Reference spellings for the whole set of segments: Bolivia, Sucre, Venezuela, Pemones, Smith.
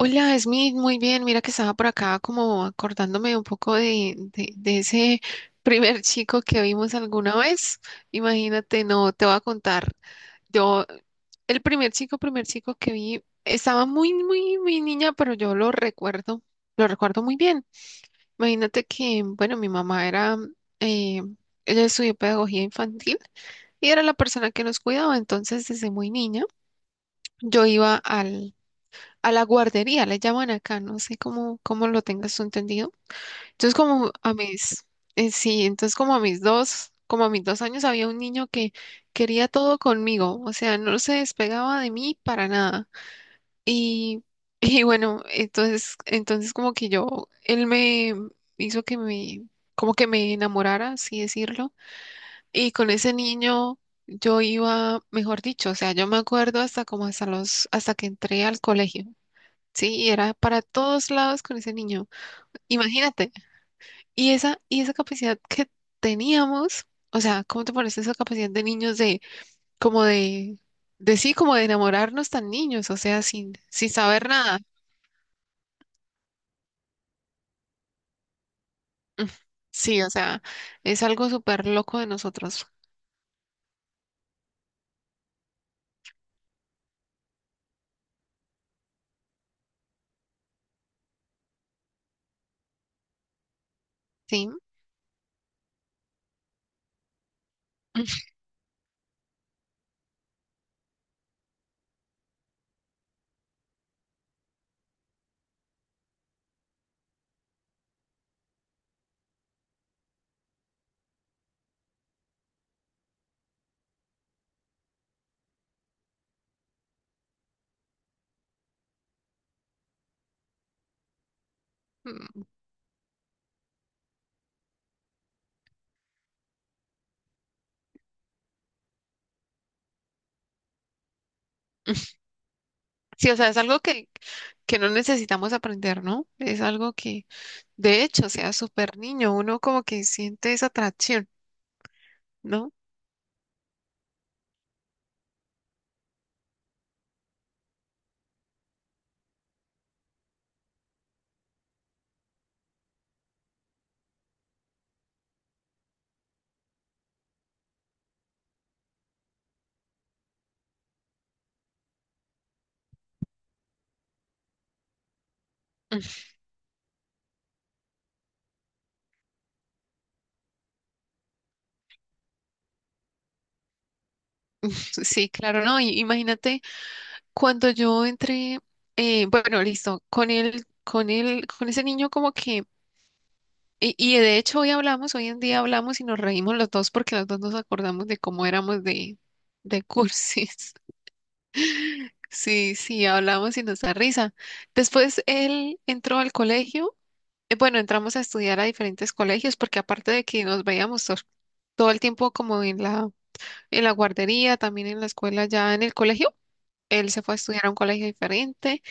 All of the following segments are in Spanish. Hola, Smith, muy bien. Mira que estaba por acá como acordándome un poco de ese primer chico que vimos alguna vez. Imagínate, no, te voy a contar. Yo, el primer chico que vi, estaba muy, muy, muy niña, pero yo lo recuerdo muy bien. Imagínate que, bueno, mi mamá era, eh, ella estudió pedagogía infantil y era la persona que nos cuidaba. Entonces, desde muy niña, yo iba al a la guardería, le llaman acá, no sé cómo lo tengas tú entendido. Entonces, como a mis, sí, entonces como a mis dos, como a mis 2 años había un niño que quería todo conmigo, o sea, no se despegaba de mí para nada. Y, y bueno, entonces como que yo, él me hizo que me, como que me enamorara, así decirlo. Y con ese niño yo iba, mejor dicho, o sea, yo me acuerdo hasta como hasta que entré al colegio. Sí, era para todos lados con ese niño. Imagínate. Y esa capacidad que teníamos, o sea, ¿cómo te parece esa capacidad de niños de, como de sí, como de enamorarnos tan niños, o sea, sin saber nada? Mm, sí, o sea, es algo súper loco de nosotros, ¿sí? Mm, sí, o sea, es algo que no necesitamos aprender, ¿no? Es algo que, de hecho, o sea, súper niño, uno como que siente esa atracción, ¿no? Mm, sí, claro, ¿no? Y imagínate. Cuando yo entré, bueno, listo, con ese niño como que, y de hecho hoy hablamos, hoy en día hablamos y nos reímos los dos porque los dos nos acordamos de cómo éramos de cursis. Sí, sí, hablamos y nos da risa. Después él entró al colegio, bueno, entramos a estudiar a diferentes colegios porque aparte de que nos veíamos todo el tiempo como en la guardería, también en la escuela, ya en el colegio, él se fue a estudiar a un colegio diferente.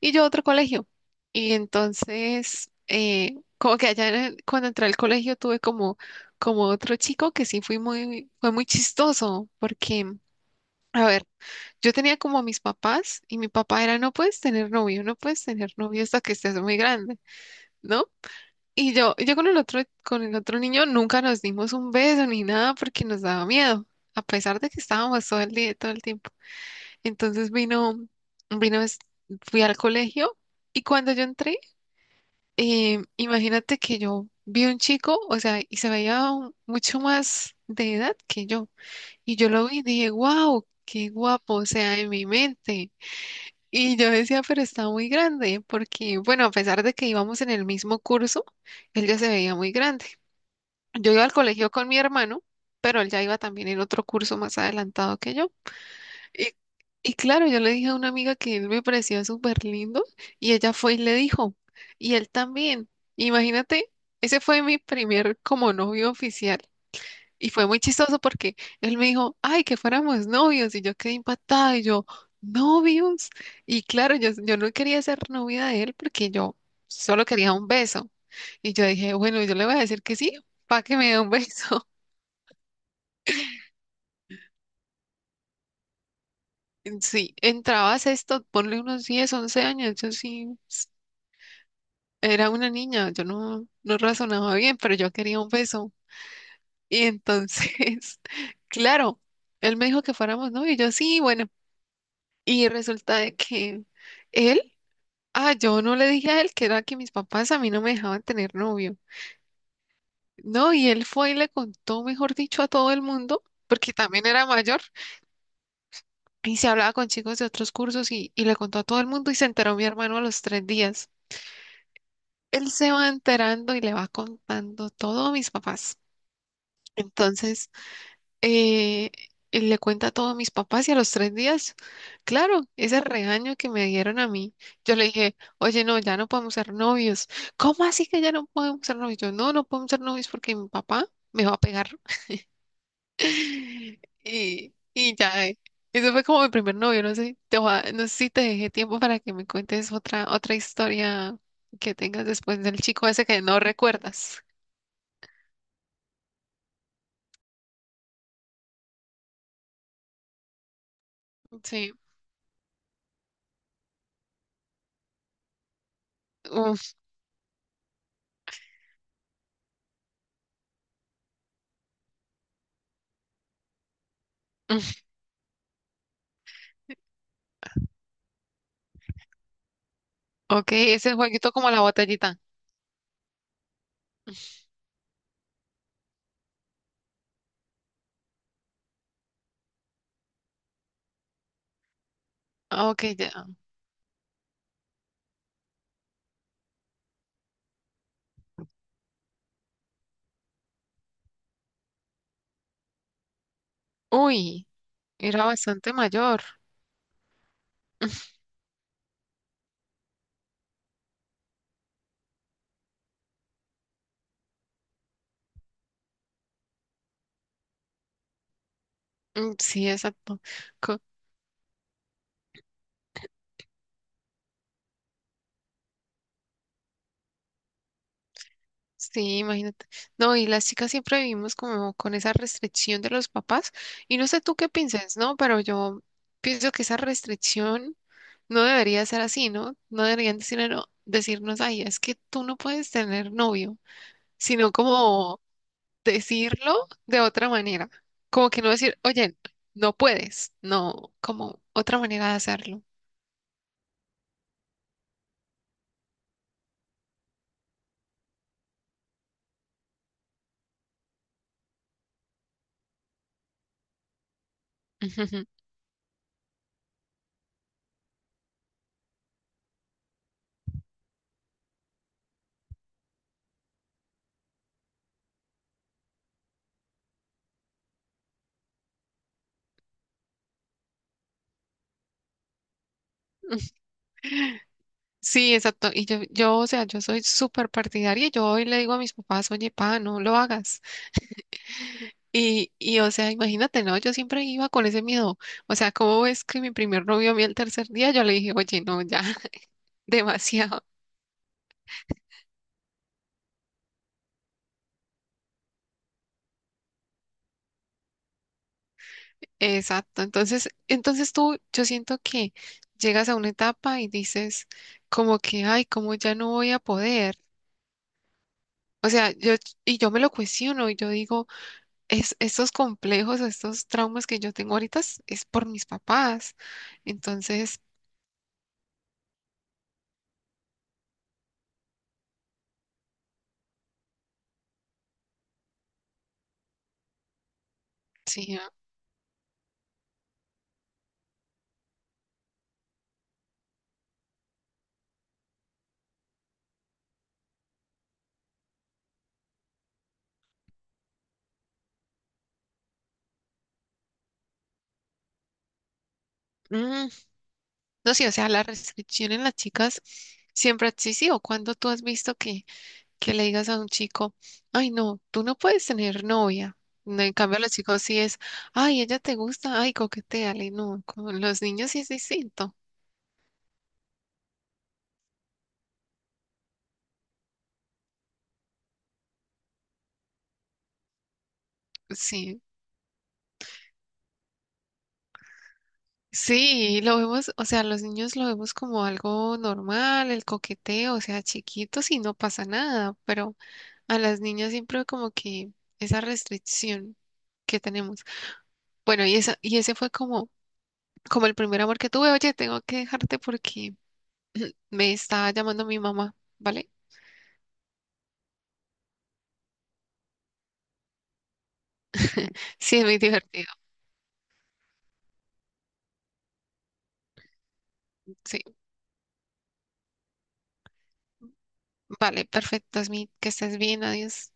Y yo a otro colegio. Y entonces, como que allá cuando entré al colegio tuve como otro chico que sí fui muy, fue muy chistoso, porque, a ver, yo tenía como a mis papás y mi papá era, no puedes tener novio, no puedes tener novio hasta que estés muy grande, ¿no? Y yo con el otro niño nunca nos dimos un beso ni nada porque nos daba miedo, a pesar de que estábamos todo el día, todo el tiempo. Entonces vino, es- fui al colegio y cuando yo entré, imagínate que yo vi un chico, o sea, y se veía mucho más de edad que yo. Y yo lo vi y dije, wow, qué guapo, o sea, en mi mente. Y yo decía, pero está muy grande, porque, bueno, a pesar de que íbamos en el mismo curso, él ya se veía muy grande. Yo iba al colegio con mi hermano, pero él ya iba también en otro curso más adelantado que yo. Y, y claro, yo le dije a una amiga que él me parecía súper lindo y ella fue y le dijo, y él también. Imagínate, ese fue mi primer como novio oficial y fue muy chistoso porque él me dijo, ay, que fuéramos novios y yo quedé impactada y yo, novios. Y claro, yo no quería ser novia de él porque yo solo quería un beso. Y yo dije, bueno, yo le voy a decir que sí, para que me dé un beso. Sí, entrabas esto, ponle unos 10 11 años, yo sí. Era una niña, yo no, no razonaba bien, pero yo quería un beso. Y entonces, claro, él me dijo que fuéramos novios, y yo sí, bueno. Y resulta de que él, ah, yo no le dije a él que era que mis papás a mí no me dejaban tener novio. No, y él fue y le contó, mejor dicho, a todo el mundo, porque también era mayor, y se hablaba con chicos de otros cursos y le contó a todo el mundo y se enteró mi hermano a los 3 días. Él se va enterando y le va contando todo a mis papás. Entonces, eh, y le cuenta todo a mis papás y a los 3 días, claro, ese regaño que me dieron a mí, yo le dije, oye, no, ya no podemos ser novios. ¿Cómo así que ya no podemos ser novios? Yo, no, no podemos ser novios porque mi papá me va a pegar. Y ya, ese fue como mi primer novio, no sé, no sé si te dejé tiempo para que me cuentes otra historia que tengas después del chico ese que no recuerdas. Sí. Uf, uf. Ok, ese jueguito como la botellita. Ah, ok, ya. Uy, era bastante mayor. Mm, sí, exacto. Co- sí, imagínate. No, y las chicas siempre vivimos como con esa restricción de los papás. Y no sé tú qué piensas, ¿no? Pero yo pienso que esa restricción no debería ser así, ¿no? No deberían decirnos, ay, es que tú no puedes tener novio, sino como decirlo de otra manera. Como que no decir, oye, no puedes. No, como otra manera de hacerlo. Sí, exacto. Y yo, o sea, yo soy súper partidaria. Y yo hoy le digo a mis papás, oye, pa, no lo hagas. Y, o sea, imagínate, ¿no? Yo siempre iba con ese miedo. O sea, ¿cómo es que mi primer novio a mí el tercer día? Yo le dije, oye, no, ya, demasiado. Exacto. Entonces tú, yo siento que llegas a una etapa y dices, como que, ay, como ya no voy a poder. O sea, yo, y yo me lo cuestiono y yo digo, estos complejos, estos traumas que yo tengo ahorita es por mis papás. Entonces, sí, mm, no sé, o sea, la restricción en las chicas siempre ha existido. Cuando tú has visto que le digas a un chico, ay, no, tú no puedes tener novia. No, en cambio, a los chicos sí es, ay, ella te gusta, ay, coqueteale. No, con los niños sí es distinto. Sí. Sí, lo vemos, o sea, los niños lo vemos como algo normal, el coqueteo, o sea, chiquitos y no pasa nada, pero a las niñas siempre como que esa restricción que tenemos. Bueno, y ese fue como el primer amor que tuve. Oye, tengo que dejarte porque me está llamando mi mamá, ¿vale? Sí, es muy divertido. Sí, vale, perfecto, Smith, que estés bien, adiós.